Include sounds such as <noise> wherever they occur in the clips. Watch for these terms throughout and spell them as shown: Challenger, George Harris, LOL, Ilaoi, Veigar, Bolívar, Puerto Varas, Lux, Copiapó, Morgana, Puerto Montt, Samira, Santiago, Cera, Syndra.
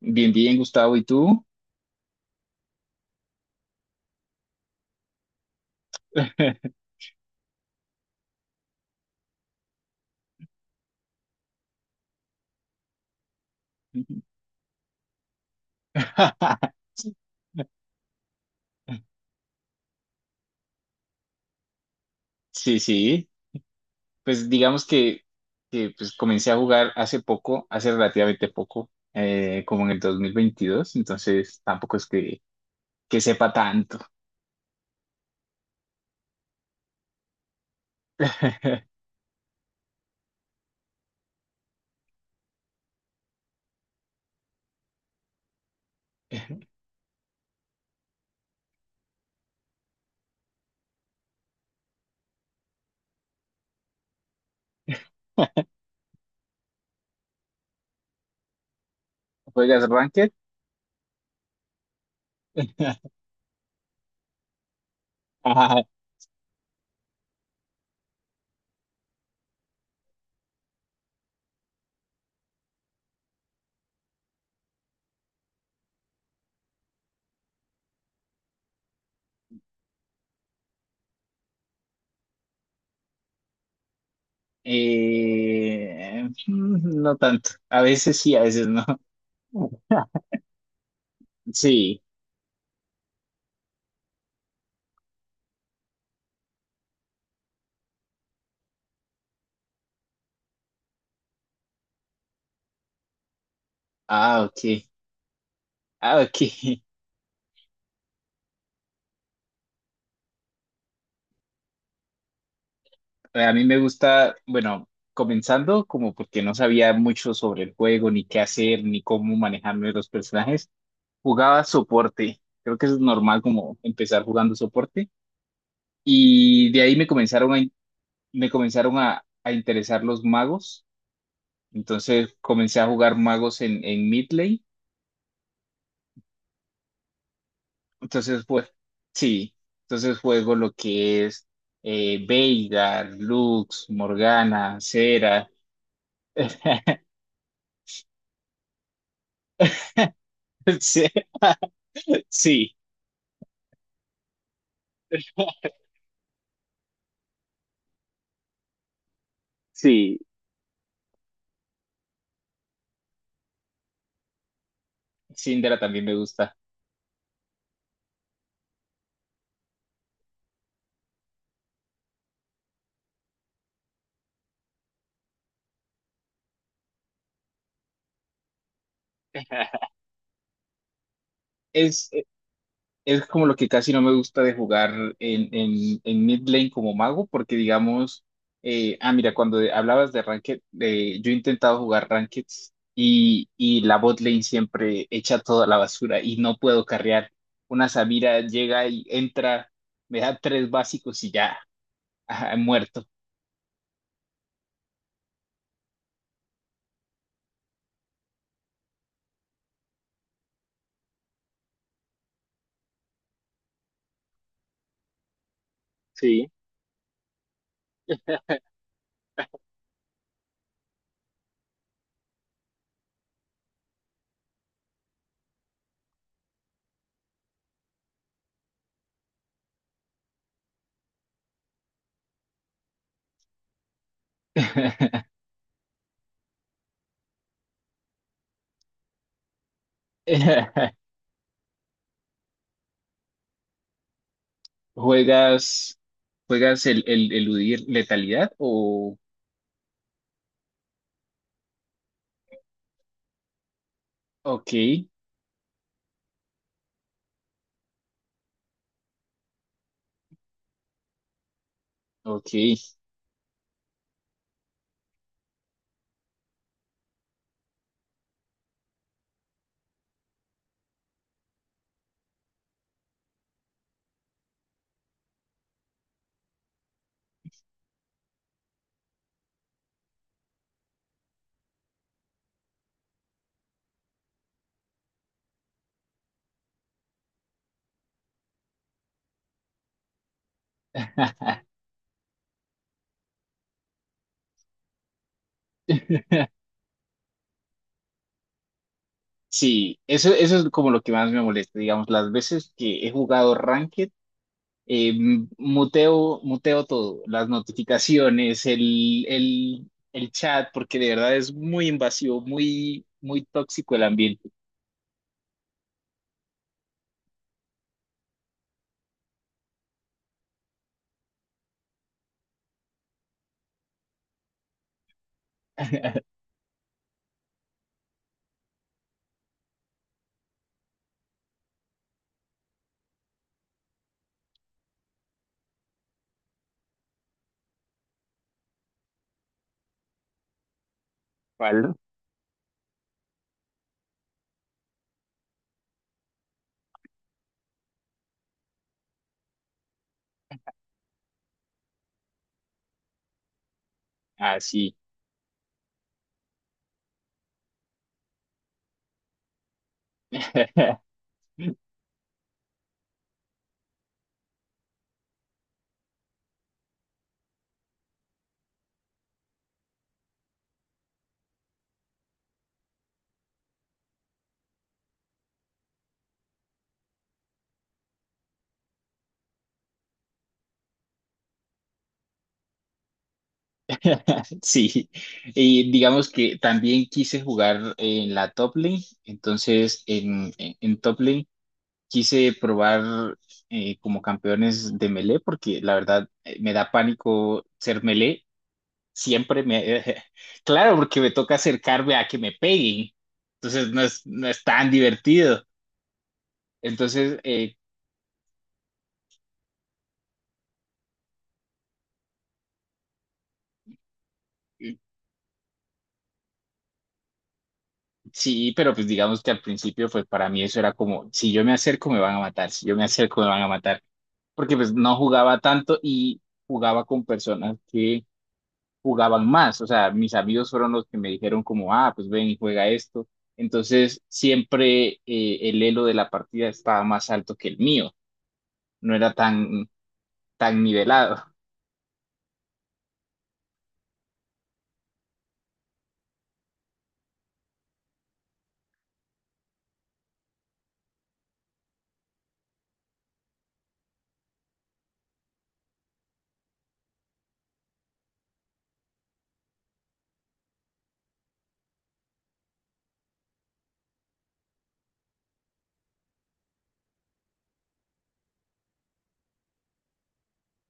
Bien, bien, Gustavo, ¿y tú? <laughs> Sí, sí. Pues digamos que comencé a jugar hace poco, hace relativamente poco, como en el 2022. Entonces tampoco es que sepa tanto. <laughs> ¿Juegas Ranked? <laughs> Ajá. No tanto. A veces sí, a veces no. <laughs> Sí. Ah, ok. Ah, ok. A mí me gusta, bueno, comenzando como porque no sabía mucho sobre el juego, ni qué hacer, ni cómo manejarme los personajes, jugaba soporte. Creo que es normal como empezar jugando soporte. Y de ahí me comenzaron a interesar los magos. Entonces comencé a jugar magos en mid lane. Entonces, pues, sí. Entonces juego lo que es Veigar, Lux, Morgana, Cera. <laughs> Sí. <laughs> Sí, Syndra también me gusta. Es, es como lo que casi no me gusta de jugar en mid lane como mago, porque digamos, mira, hablabas de ranked, yo he intentado jugar rankeds y la bot lane siempre echa toda la basura y no puedo carrear. Una Samira llega y entra, me da tres básicos y ya, ajá, muerto. <laughs> Sí. <laughs> ¿Juegas, juegas el eludir letalidad? O, ok, ok. <laughs> Sí, eso es como lo que más me molesta, digamos, las veces que he jugado Ranked, muteo, muteo todo, las notificaciones, el chat, porque de verdad es muy invasivo, muy, muy tóxico el ambiente. <laughs> ¿Cuál? Ah, sí. <laughs> <laughs> Sí, y digamos que también quise jugar en la top lane, entonces en top lane quise probar como campeones de melee, porque la verdad me da pánico ser melee, siempre me... <laughs> Claro, porque me toca acercarme a que me peguen, entonces no es, no es tan divertido. Entonces, eh, sí, pero pues digamos que al principio, pues para mí eso era como, si yo me acerco me van a matar, si yo me acerco me van a matar. Porque pues no jugaba tanto y jugaba con personas que jugaban más. O sea, mis amigos fueron los que me dijeron como, ah, pues ven y juega esto. Entonces siempre el elo de la partida estaba más alto que el mío. No era tan nivelado.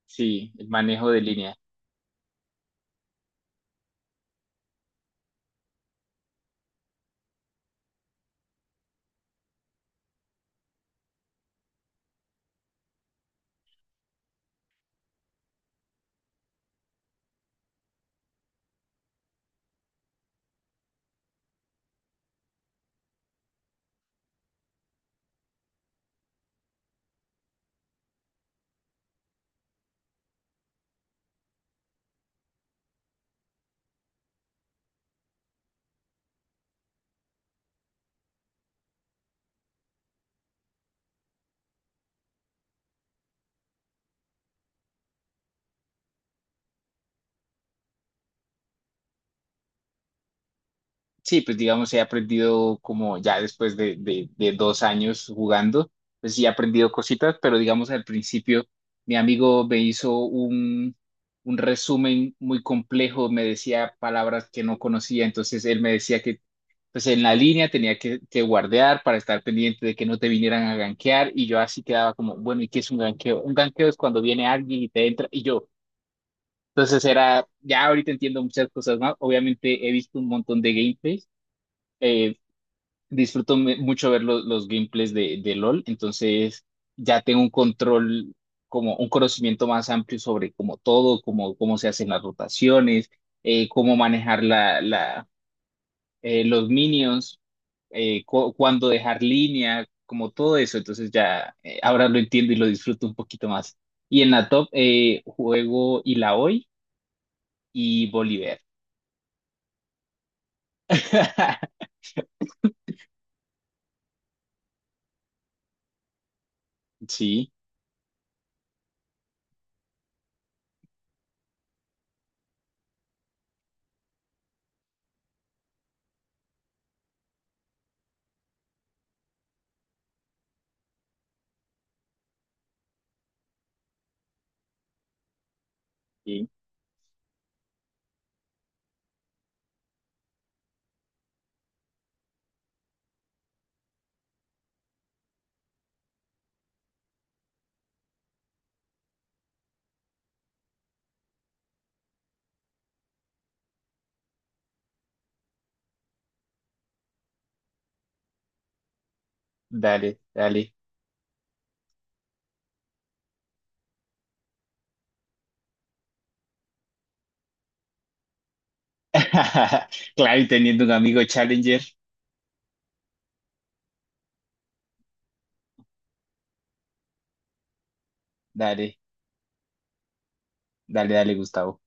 Sí, el manejo de línea. Sí, pues digamos, he aprendido como ya después de 2 años jugando, pues sí he aprendido cositas, pero digamos al principio mi amigo me hizo un resumen muy complejo, me decía palabras que no conocía, entonces él me decía que pues en la línea tenía que guardear para estar pendiente de que no te vinieran a gankear y yo así quedaba como, bueno, ¿y qué es un ganqueo? Un ganqueo es cuando viene alguien y te entra y yo. Entonces era, ya ahorita entiendo muchas cosas más, obviamente he visto un montón de gameplays eh, disfruto mucho ver los gameplays de LOL, entonces ya tengo un control, como un conocimiento más amplio sobre como todo, como cómo se hacen las rotaciones, cómo manejar los minions, eh, cuándo dejar línea, como todo eso, entonces ya ahora lo entiendo y lo disfruto un poquito más. Y en la top juego Ilaoi y Bolívar. <laughs> Sí, sí, dale, dale. <laughs> Claro, y teniendo un amigo Challenger, dale, dale, dale, Gustavo.